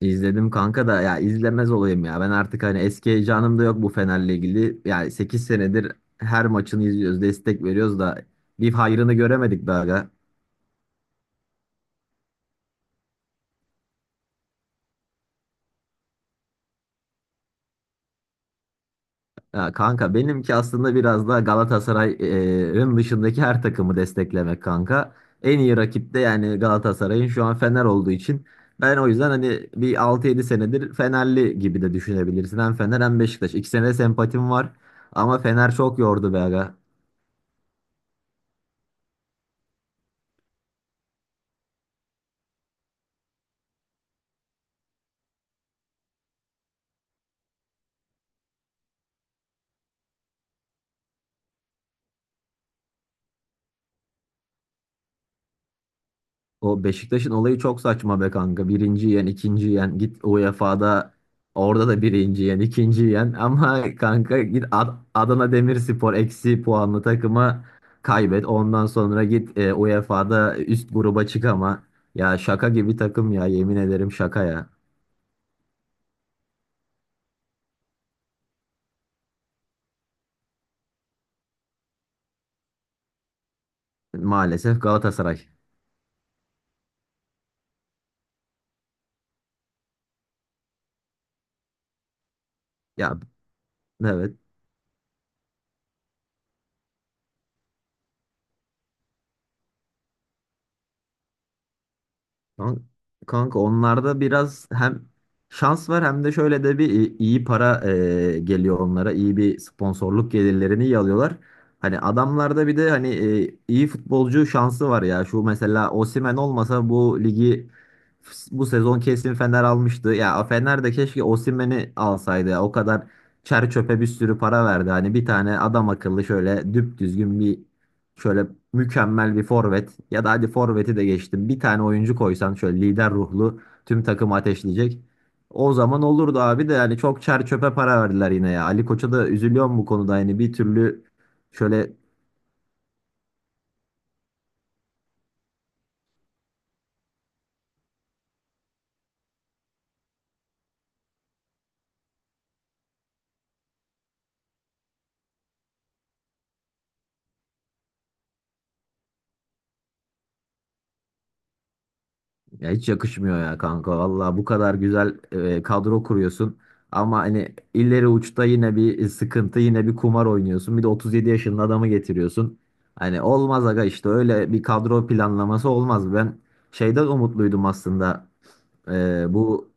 İzledim kanka da ya izlemez olayım ya. Ben artık hani eski heyecanım da yok bu Fener'le ilgili. Yani 8 senedir her maçını izliyoruz, destek veriyoruz da bir hayrını göremedik daha. Ya. Ya, kanka benimki aslında biraz da Galatasaray'ın dışındaki her takımı desteklemek kanka. En iyi rakip de yani Galatasaray'ın şu an Fener olduğu için ben o yüzden hani bir 6-7 senedir Fenerli gibi de düşünebilirsin. Hem Fener hem Beşiktaş. İkisine de sempatim var. Ama Fener çok yordu be aga. O Beşiktaş'ın olayı çok saçma be kanka. Birinci yen, ikinci yen. Git UEFA'da orada da birinci yen, ikinci yen. Ama kanka git Adana Demirspor eksi puanlı takıma kaybet. Ondan sonra git UEFA'da üst gruba çık ama. Ya, şaka gibi takım ya, yemin ederim şaka ya. Maalesef Galatasaray. Ya, evet. Kan- Kanka onlarda biraz hem şans var hem de şöyle de bir iyi para geliyor onlara. İyi bir sponsorluk gelirlerini iyi alıyorlar. Hani adamlarda bir de hani iyi futbolcu şansı var ya. Şu mesela Osimhen olmasa bu sezon kesin Fener almıştı. Ya Fener de keşke Osimhen'i alsaydı ya. O kadar çer çöpe bir sürü para verdi. Hani bir tane adam akıllı şöyle düp düzgün şöyle mükemmel bir forvet ya da hadi forveti de geçtim. Bir tane oyuncu koysan şöyle lider ruhlu tüm takımı ateşleyecek. O zaman olurdu abi de yani çok çer çöpe para verdiler yine ya. Ali Koç'a da üzülüyorum bu konuda yani bir türlü şöyle ya hiç yakışmıyor ya kanka. Valla bu kadar güzel kadro kuruyorsun. Ama hani ileri uçta yine bir sıkıntı yine bir kumar oynuyorsun. Bir de 37 yaşında adamı getiriyorsun. Hani olmaz aga işte öyle bir kadro planlaması olmaz. Ben şeyden umutluydum aslında. Bu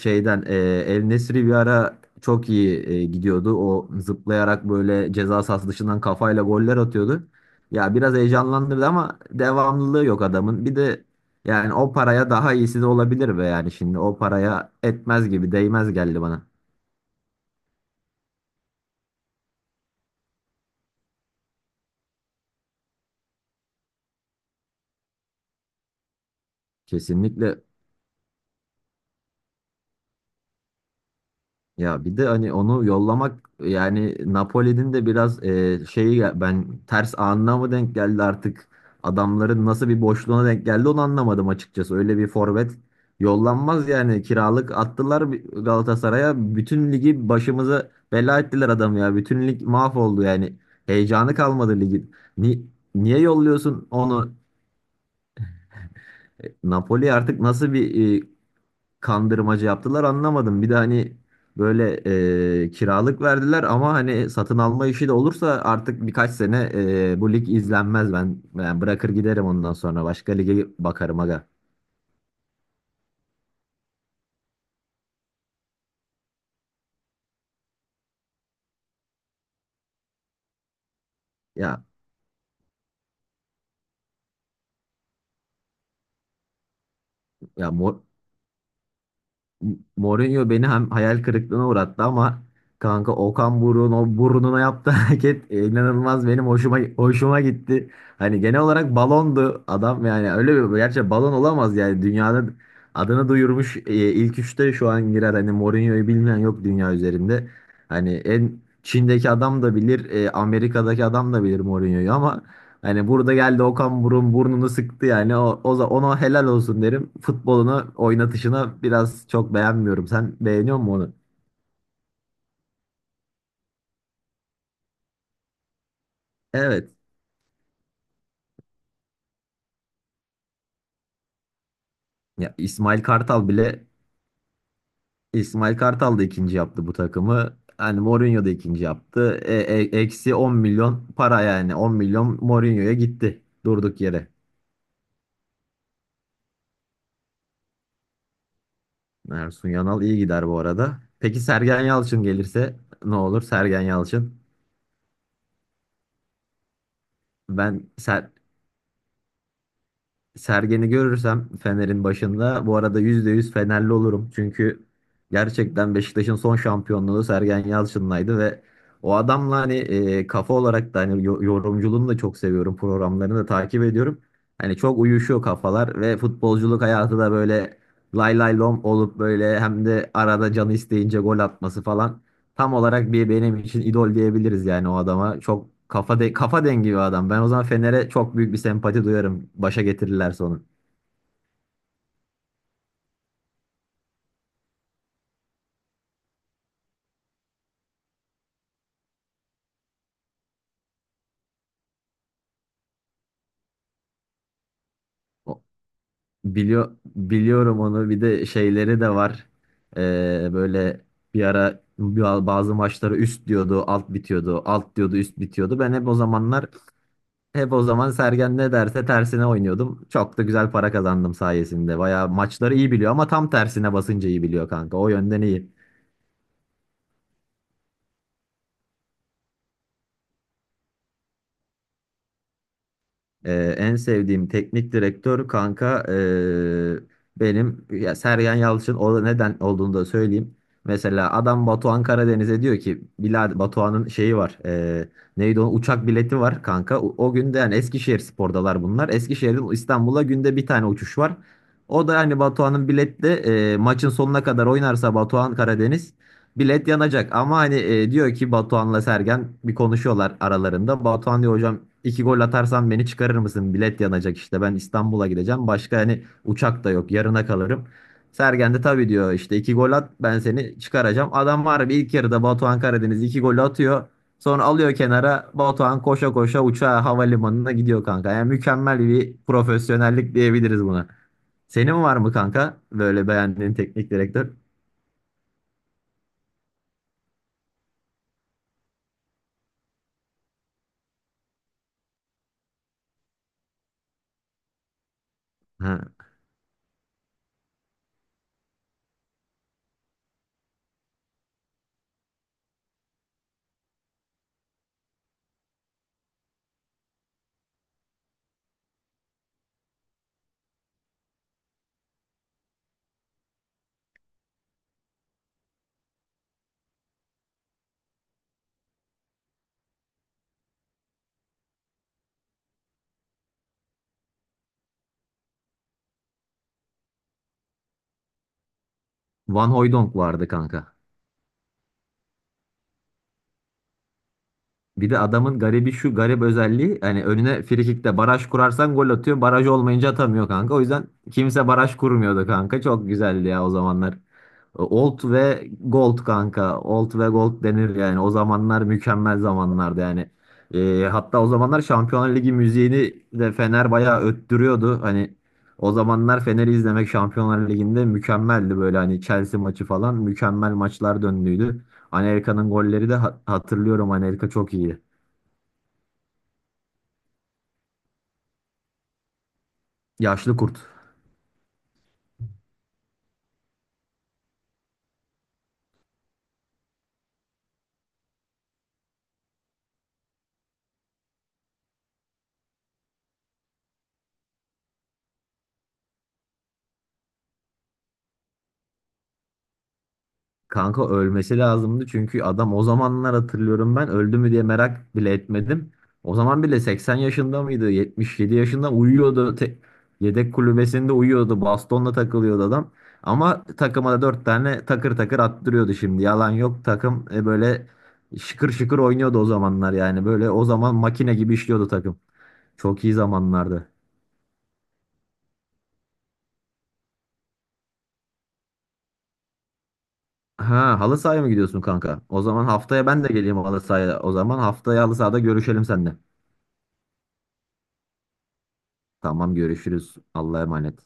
şeyden El Nesri bir ara çok iyi gidiyordu. O zıplayarak böyle ceza sahası dışından kafayla goller atıyordu. Ya biraz heyecanlandırdı ama devamlılığı yok adamın. Bir de yani o paraya daha iyisi de olabilir be yani şimdi o paraya etmez gibi değmez geldi bana. Kesinlikle. Ya bir de hani onu yollamak yani Napoli'nin de biraz şeyi ben ters anına mı denk geldi artık adamların nasıl bir boşluğuna denk geldi onu anlamadım açıkçası. Öyle bir forvet yollanmaz yani kiralık attılar Galatasaray'a bütün ligi başımıza bela ettiler adam ya. Bütün lig mahvoldu yani heyecanı kalmadı ligin. Ni- niye yolluyorsun onu? Napoli artık nasıl bir kandırmacı yaptılar anlamadım. Bir de hani böyle kiralık verdiler ama hani satın alma işi de olursa artık birkaç sene bu lig izlenmez ben. Ben bırakır giderim ondan sonra başka lige bakarım aga. Ya ya mor, Mourinho beni hem hayal kırıklığına uğrattı ama kanka Okan Buruk'un o burnuna yaptığı hareket inanılmaz benim hoşuma hoşuma gitti. Hani genel olarak balondu adam yani öyle bir gerçi balon olamaz yani dünyada adını duyurmuş ilk üçte şu an girer hani Mourinho'yu bilmeyen yok dünya üzerinde. Hani en Çin'deki adam da bilir, Amerika'daki adam da bilir Mourinho'yu ama hani burada geldi Okan Burun burnunu sıktı yani. Ona helal olsun derim. Futbolunu oynatışına biraz çok beğenmiyorum. Sen beğeniyor musun onu? Evet. Ya İsmail Kartal bile İsmail Kartal da ikinci yaptı bu takımı. Hani Mourinho da ikinci yaptı. Eksi 10 milyon para yani. 10 milyon Mourinho'ya gitti. Durduk yere. Ersun Yanal iyi gider bu arada. Peki Sergen Yalçın gelirse ne olur Sergen Yalçın? Ben Sergen'i görürsem Fener'in başında bu arada %100 Fenerli olurum. Çünkü gerçekten Beşiktaş'ın son şampiyonluğu Sergen Yalçın'laydı ve o adamla hani kafa olarak da hani yorumculuğunu da çok seviyorum. Programlarını da takip ediyorum. Hani çok uyuşuyor kafalar ve futbolculuk hayatı da böyle lay lay lom olup böyle hem de arada canı isteyince gol atması falan. Tam olarak bir benim için idol diyebiliriz yani o adama. Çok kafa dengi bir adam. Ben o zaman Fener'e çok büyük bir sempati duyarım. Başa getirirlerse onu. O- biliyorum onu. Bir de şeyleri de var. Böyle bir ara bazı maçları üst diyordu, alt bitiyordu. Alt diyordu, üst bitiyordu. Ben hep o zaman Sergen ne derse tersine oynuyordum. Çok da güzel para kazandım sayesinde. Bayağı maçları iyi biliyor ama tam tersine basınca iyi biliyor kanka. O yönden iyi. En sevdiğim teknik direktör kanka benim ya Sergen Yalçın, o neden olduğunu da söyleyeyim. Mesela adam Batuhan Karadeniz'e diyor ki Bilal Batuhan'ın şeyi var. Neydi o, uçak bileti var kanka. O günde yani Eskişehir Spor'dalar bunlar. Eskişehir'den İstanbul'a günde bir tane uçuş var. O da hani Batuhan'ın biletle maçın sonuna kadar oynarsa Batuhan Karadeniz bilet yanacak ama hani diyor ki Batuhan'la Sergen bir konuşuyorlar aralarında. Batuhan diyor hocam iki gol atarsan beni çıkarır mısın? Bilet yanacak işte ben İstanbul'a gideceğim. Başka hani uçak da yok yarına kalırım. Sergen de tabii diyor işte iki gol at ben seni çıkaracağım. Adam var bir ilk yarıda Batuhan Karadeniz iki gol atıyor. Sonra alıyor kenara Batuhan koşa koşa uçağa havalimanına gidiyor kanka. Yani mükemmel bir profesyonellik diyebiliriz buna. Senin var mı kanka böyle beğendiğin teknik direktör? Ha. Van Hooijdonk vardı kanka. Bir de adamın garibi şu garip özelliği hani önüne frikikte baraj kurarsan gol atıyor. Baraj olmayınca atamıyor kanka. O yüzden kimse baraj kurmuyordu kanka. Çok güzeldi ya o zamanlar. Old ve Gold kanka. Old ve Gold denir yani. O zamanlar mükemmel zamanlardı yani. Hatta o zamanlar Şampiyonlar Ligi müziğini de Fener bayağı öttürüyordu. Hani o zamanlar Fener'i izlemek Şampiyonlar Ligi'nde mükemmeldi böyle hani Chelsea maçı falan mükemmel maçlar döndüydü. Anelka'nın golleri de hatırlıyorum. Anelka çok iyi. Yaşlı kurt. Kanka ölmesi lazımdı çünkü adam o zamanlar hatırlıyorum ben öldü mü diye merak bile etmedim. O zaman bile 80 yaşında mıydı? 77 yaşında uyuyordu. Yedek kulübesinde uyuyordu. Bastonla takılıyordu adam. Ama takıma da 4 tane takır takır attırıyordu şimdi. Yalan yok takım böyle şıkır şıkır oynuyordu o zamanlar yani. Böyle o zaman makine gibi işliyordu takım. Çok iyi zamanlardı. Ha, halı sahaya mı gidiyorsun kanka? O zaman haftaya ben de geleyim halı sahaya. O zaman haftaya halı sahada görüşelim seninle. Tamam görüşürüz. Allah'a emanet.